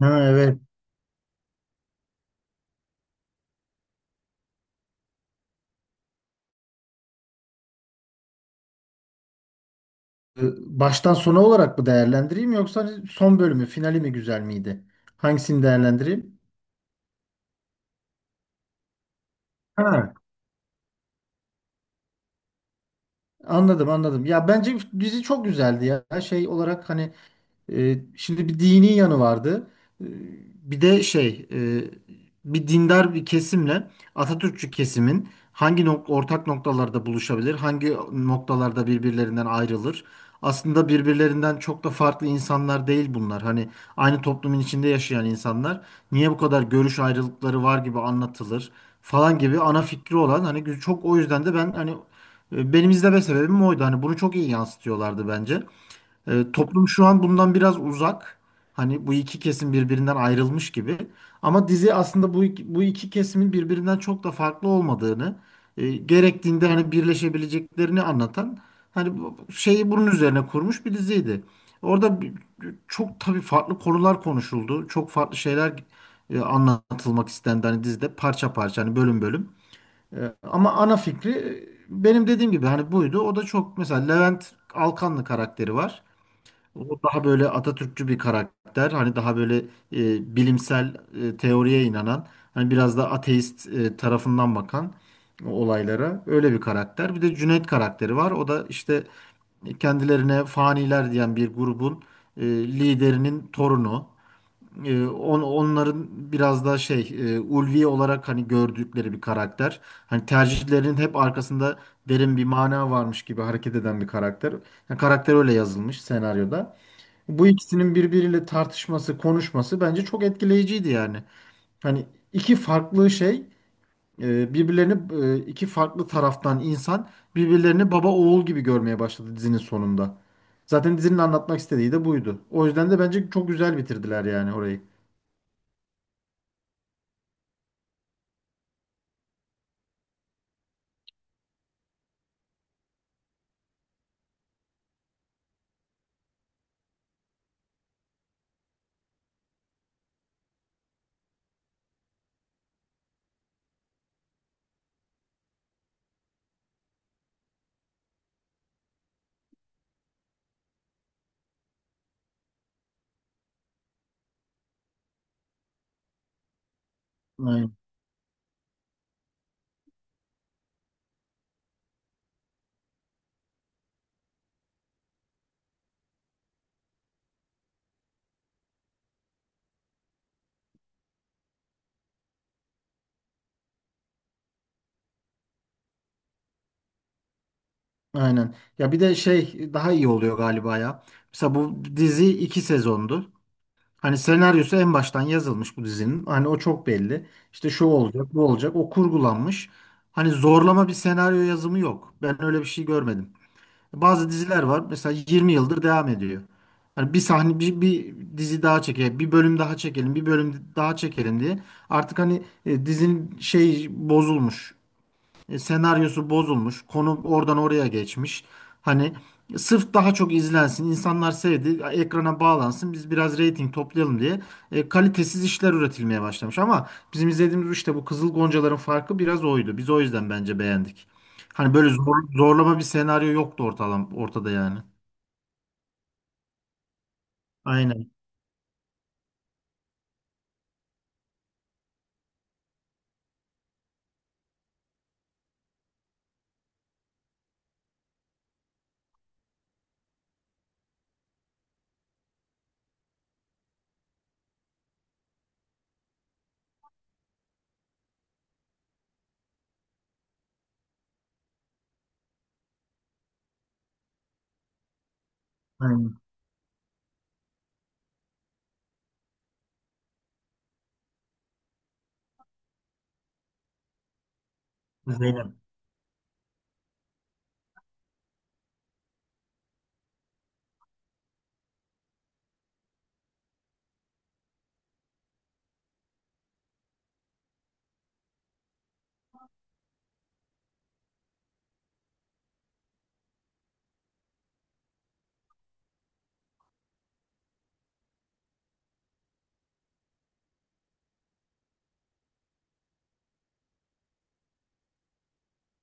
Ha, evet. Ee, Baştan sona olarak mı değerlendireyim yoksa hani son bölümü, finali mi güzel miydi? Hangisini değerlendireyim? Ha, anladım anladım. Ya bence dizi çok güzeldi ya. Şey olarak hani. Şimdi bir dini yanı vardı. E, bir de şey, bir dindar bir kesimle Atatürkçü kesimin ortak noktalarda buluşabilir, hangi noktalarda birbirlerinden ayrılır. Aslında birbirlerinden çok da farklı insanlar değil bunlar. Hani aynı toplumun içinde yaşayan insanlar niye bu kadar görüş ayrılıkları var gibi anlatılır falan gibi ana fikri olan hani çok o yüzden de ben hani, benim izleme sebebim oydu. Hani bunu çok iyi yansıtıyorlardı bence. Toplum şu an bundan biraz uzak. Hani bu iki kesim birbirinden ayrılmış gibi. Ama dizi aslında bu iki, bu iki kesimin birbirinden çok da farklı olmadığını, gerektiğinde hani birleşebileceklerini anlatan hani bu şeyi bunun üzerine kurmuş bir diziydi. Orada bir- Çok tabii farklı konular konuşuldu. Çok farklı şeyler, anlatılmak istendi hani dizide parça parça hani bölüm bölüm. Ama ana fikri, benim dediğim gibi hani buydu. O da çok mesela Levent Alkanlı karakteri var. O daha böyle Atatürkçü bir karakter. Hani daha böyle, bilimsel, teoriye inanan, hani biraz da ateist, tarafından bakan olaylara öyle bir karakter. Bir de Cüneyt karakteri var. O da işte kendilerine faniler diyen bir grubun, liderinin torunu. Onların biraz da şey, ulvi olarak hani gördükleri bir karakter. Hani tercihlerinin hep arkasında derin bir mana varmış gibi hareket eden bir karakter. Yani karakter öyle yazılmış senaryoda. Bu ikisinin birbiriyle tartışması, konuşması bence çok etkileyiciydi yani. Hani iki farklı şey, birbirlerini, iki farklı taraftan insan birbirlerini baba oğul gibi görmeye başladı dizinin sonunda. Zaten dizinin anlatmak istediği de buydu. O yüzden de bence çok güzel bitirdiler yani orayı. Aynen. Aynen. Ya bir de şey daha iyi oluyor galiba ya. Mesela bu dizi iki sezondu. Hani senaryosu en baştan yazılmış bu dizinin. Hani o çok belli. İşte şu olacak, bu olacak. O kurgulanmış. Hani zorlama bir senaryo yazımı yok. Ben öyle bir şey görmedim. Bazı diziler var. Mesela 20 yıldır devam ediyor. Hani bir sahne, bir dizi daha çekelim, bir bölüm daha çekelim, bir bölüm daha çekelim diye. Artık hani, dizinin şey bozulmuş. Senaryosu bozulmuş. Konu oradan oraya geçmiş. Hani sırf daha çok izlensin, insanlar sevdi, ekrana bağlansın, biz biraz reyting toplayalım diye, kalitesiz işler üretilmeye başlamış. Ama bizim izlediğimiz işte bu Kızıl Goncalar'ın farkı biraz oydu. Biz o yüzden bence beğendik. Hani böyle zorlama bir senaryo yoktu ortada yani. Aynen. Aynen. Zeynep.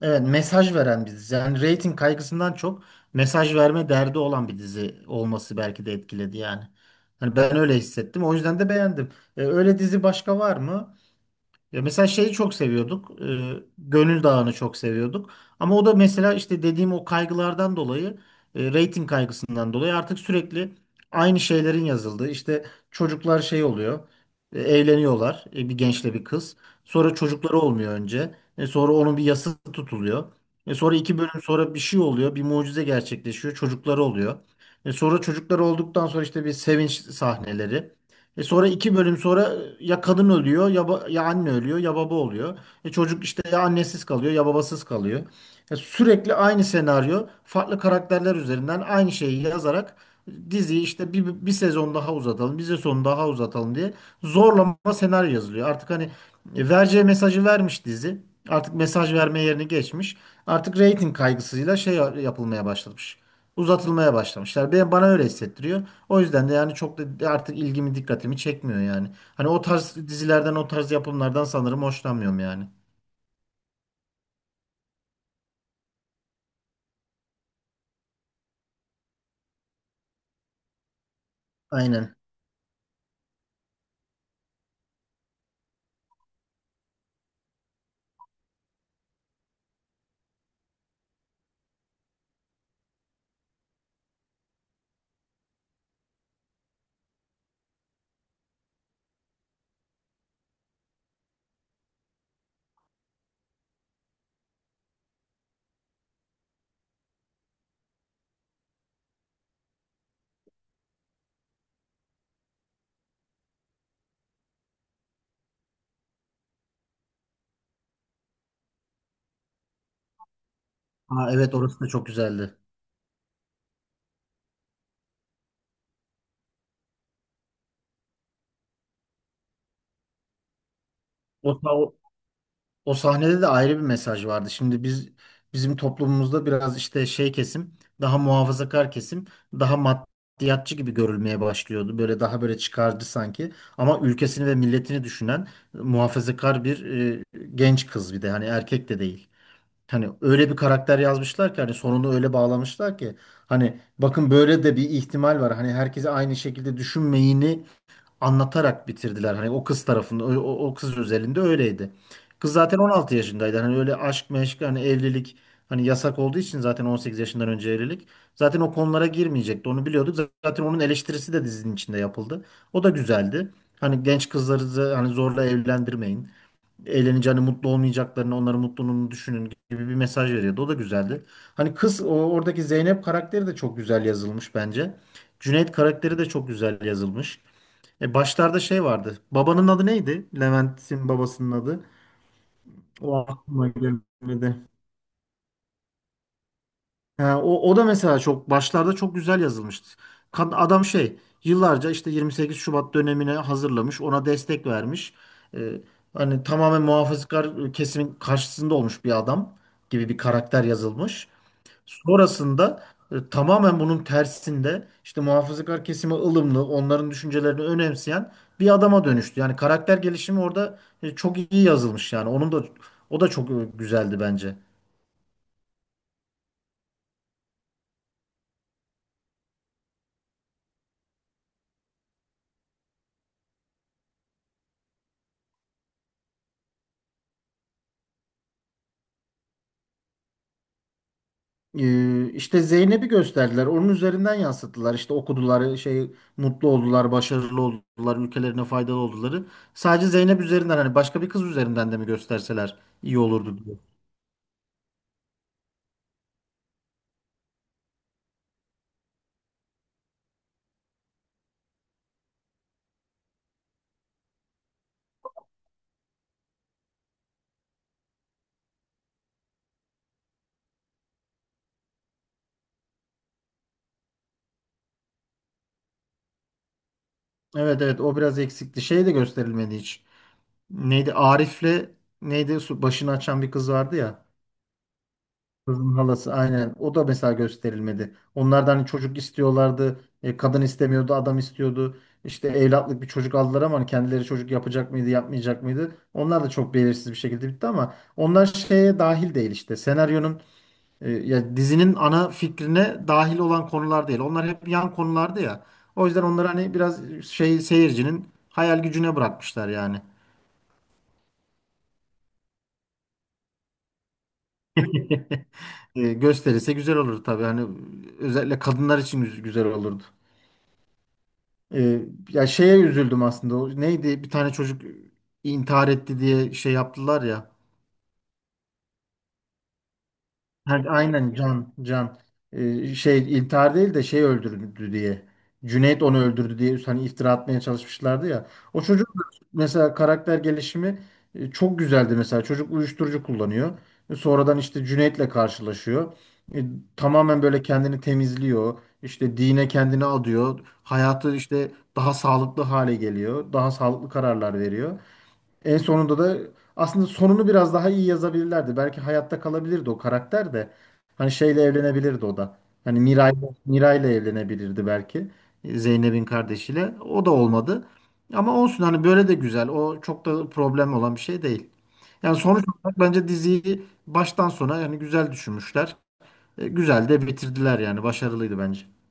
Evet, mesaj veren bir dizi. Yani rating kaygısından çok mesaj verme derdi olan bir dizi olması belki de etkiledi yani. Hani ben öyle hissettim. O yüzden de beğendim. Öyle dizi başka var mı? Ya mesela şeyi çok seviyorduk. Gönül Dağı'nı çok seviyorduk. Ama o da mesela işte dediğim o kaygılardan dolayı, reyting kaygısından dolayı artık sürekli aynı şeylerin yazıldığı. İşte çocuklar şey oluyor. Evleniyorlar. Bir gençle bir kız. Sonra çocukları olmuyor önce. Sonra onun bir yası tutuluyor. Sonra iki bölüm sonra bir şey oluyor. Bir mucize gerçekleşiyor. Çocukları oluyor. Sonra çocukları olduktan sonra işte bir sevinç sahneleri. Sonra iki bölüm sonra, ya kadın ölüyor ya, ya anne ölüyor ya baba oluyor. Çocuk işte ya annesiz kalıyor ya babasız kalıyor. Sürekli aynı senaryo farklı karakterler üzerinden aynı şeyi yazarak diziyi işte bir sezon daha uzatalım, bir sezon daha uzatalım diye zorlama senaryo yazılıyor. Artık hani, vereceği mesajı vermiş dizi. Artık mesaj verme yerini geçmiş. Artık reyting kaygısıyla şey yapılmaya başlamış uzatılmaya başlamışlar. Ben bana öyle hissettiriyor. O yüzden de yani çok da artık ilgimi dikkatimi çekmiyor yani. Hani o tarz dizilerden o tarz yapımlardan sanırım hoşlanmıyorum yani. Aynen. Aa, evet orası da çok güzeldi. O, sa- o, o sahnede de ayrı bir mesaj vardı. Şimdi biz bizim toplumumuzda biraz işte şey kesim daha muhafazakar kesim daha maddiyatçı gibi görülmeye başlıyordu. Böyle daha böyle çıkarcı sanki. Ama ülkesini ve milletini düşünen muhafazakar bir, e, genç kız bir de hani erkek de değil. Hani öyle bir karakter yazmışlar ki hani sonunu öyle bağlamışlar ki hani bakın böyle de bir ihtimal var. Hani herkese aynı şekilde düşünmeyini anlatarak bitirdiler. Hani o kız tarafında o kız özelinde öyleydi. Kız zaten 16 yaşındaydı. Hani öyle aşk meşk hani evlilik hani yasak olduğu için zaten 18 yaşından önce evlilik. Zaten o konulara girmeyecekti. Onu biliyorduk. Zaten onun eleştirisi de dizinin içinde yapıldı. O da güzeldi. Hani genç kızları da hani zorla evlendirmeyin eğleneceğini, mutlu olmayacaklarını, onların mutluluğunu düşünün gibi bir mesaj veriyordu. O da güzeldi. Hani oradaki Zeynep karakteri de çok güzel yazılmış bence. Cüneyt karakteri de çok güzel yazılmış. Başlarda şey vardı. Babanın adı neydi? Levent'in babasının adı. O aklıma gelmedi. Ha, o da mesela çok başlarda çok güzel yazılmıştı. Adam şey yıllarca işte 28 Şubat dönemine hazırlamış, ona destek vermiş. Ee, hani tamamen muhafazakar kesimin karşısında olmuş bir adam gibi bir karakter yazılmış. Sonrasında, tamamen bunun tersinde işte muhafazakar kesime ılımlı, onların düşüncelerini önemseyen bir adama dönüştü. Yani karakter gelişimi orada, çok iyi yazılmış yani. Onun da çok, güzeldi bence. İşte Zeynep'i gösterdiler. Onun üzerinden yansıttılar. İşte okudular, şey mutlu oldular, başarılı oldular, ülkelerine faydalı olduları. Sadece Zeynep üzerinden hani başka bir kız üzerinden de mi gösterseler iyi olurdu diyor. Evet evet, o biraz eksikti. Şey de gösterilmedi hiç. Neydi? Arif'le neydi? Başını açan bir kız vardı ya. Kızın halası aynen. O da mesela gösterilmedi. Onlardan hani çocuk istiyorlardı. Kadın istemiyordu, adam istiyordu. İşte evlatlık bir çocuk aldılar ama hani kendileri çocuk yapacak mıydı, yapmayacak mıydı? Onlar da çok belirsiz bir şekilde bitti ama onlar şeye dahil değil işte. Senaryonun, ya dizinin ana fikrine dahil olan konular değil. Onlar hep yan konulardı ya. O yüzden onları hani biraz şey seyircinin hayal gücüne bırakmışlar yani. Gösterilse güzel olur tabii. Hani özellikle kadınlar için güzel olurdu. Ee, ya şeye üzüldüm aslında. O neydi? Bir tane çocuk intihar etti diye şey yaptılar ya. Ha, aynen Can Can. Şey intihar değil de şey öldürdü diye Cüneyt onu öldürdü diye hani iftira atmaya çalışmışlardı ya, o çocuk mesela karakter gelişimi, çok güzeldi mesela çocuk uyuşturucu kullanıyor. Sonradan işte Cüneyt'le karşılaşıyor. E, tamamen böyle kendini temizliyor işte dine kendini adıyor hayatı işte daha sağlıklı hale geliyor daha sağlıklı kararlar veriyor en sonunda da aslında sonunu biraz daha iyi yazabilirlerdi. Belki hayatta kalabilirdi o karakter de. Hani şeyle evlenebilirdi o da. Hani Miray'la evlenebilirdi belki. Zeynep'in kardeşiyle. O da olmadı. Ama olsun hani böyle de güzel. O çok da problem olan bir şey değil. Yani sonuç olarak bence diziyi baştan sona yani güzel düşünmüşler. Güzel de bitirdiler yani. Başarılıydı bence.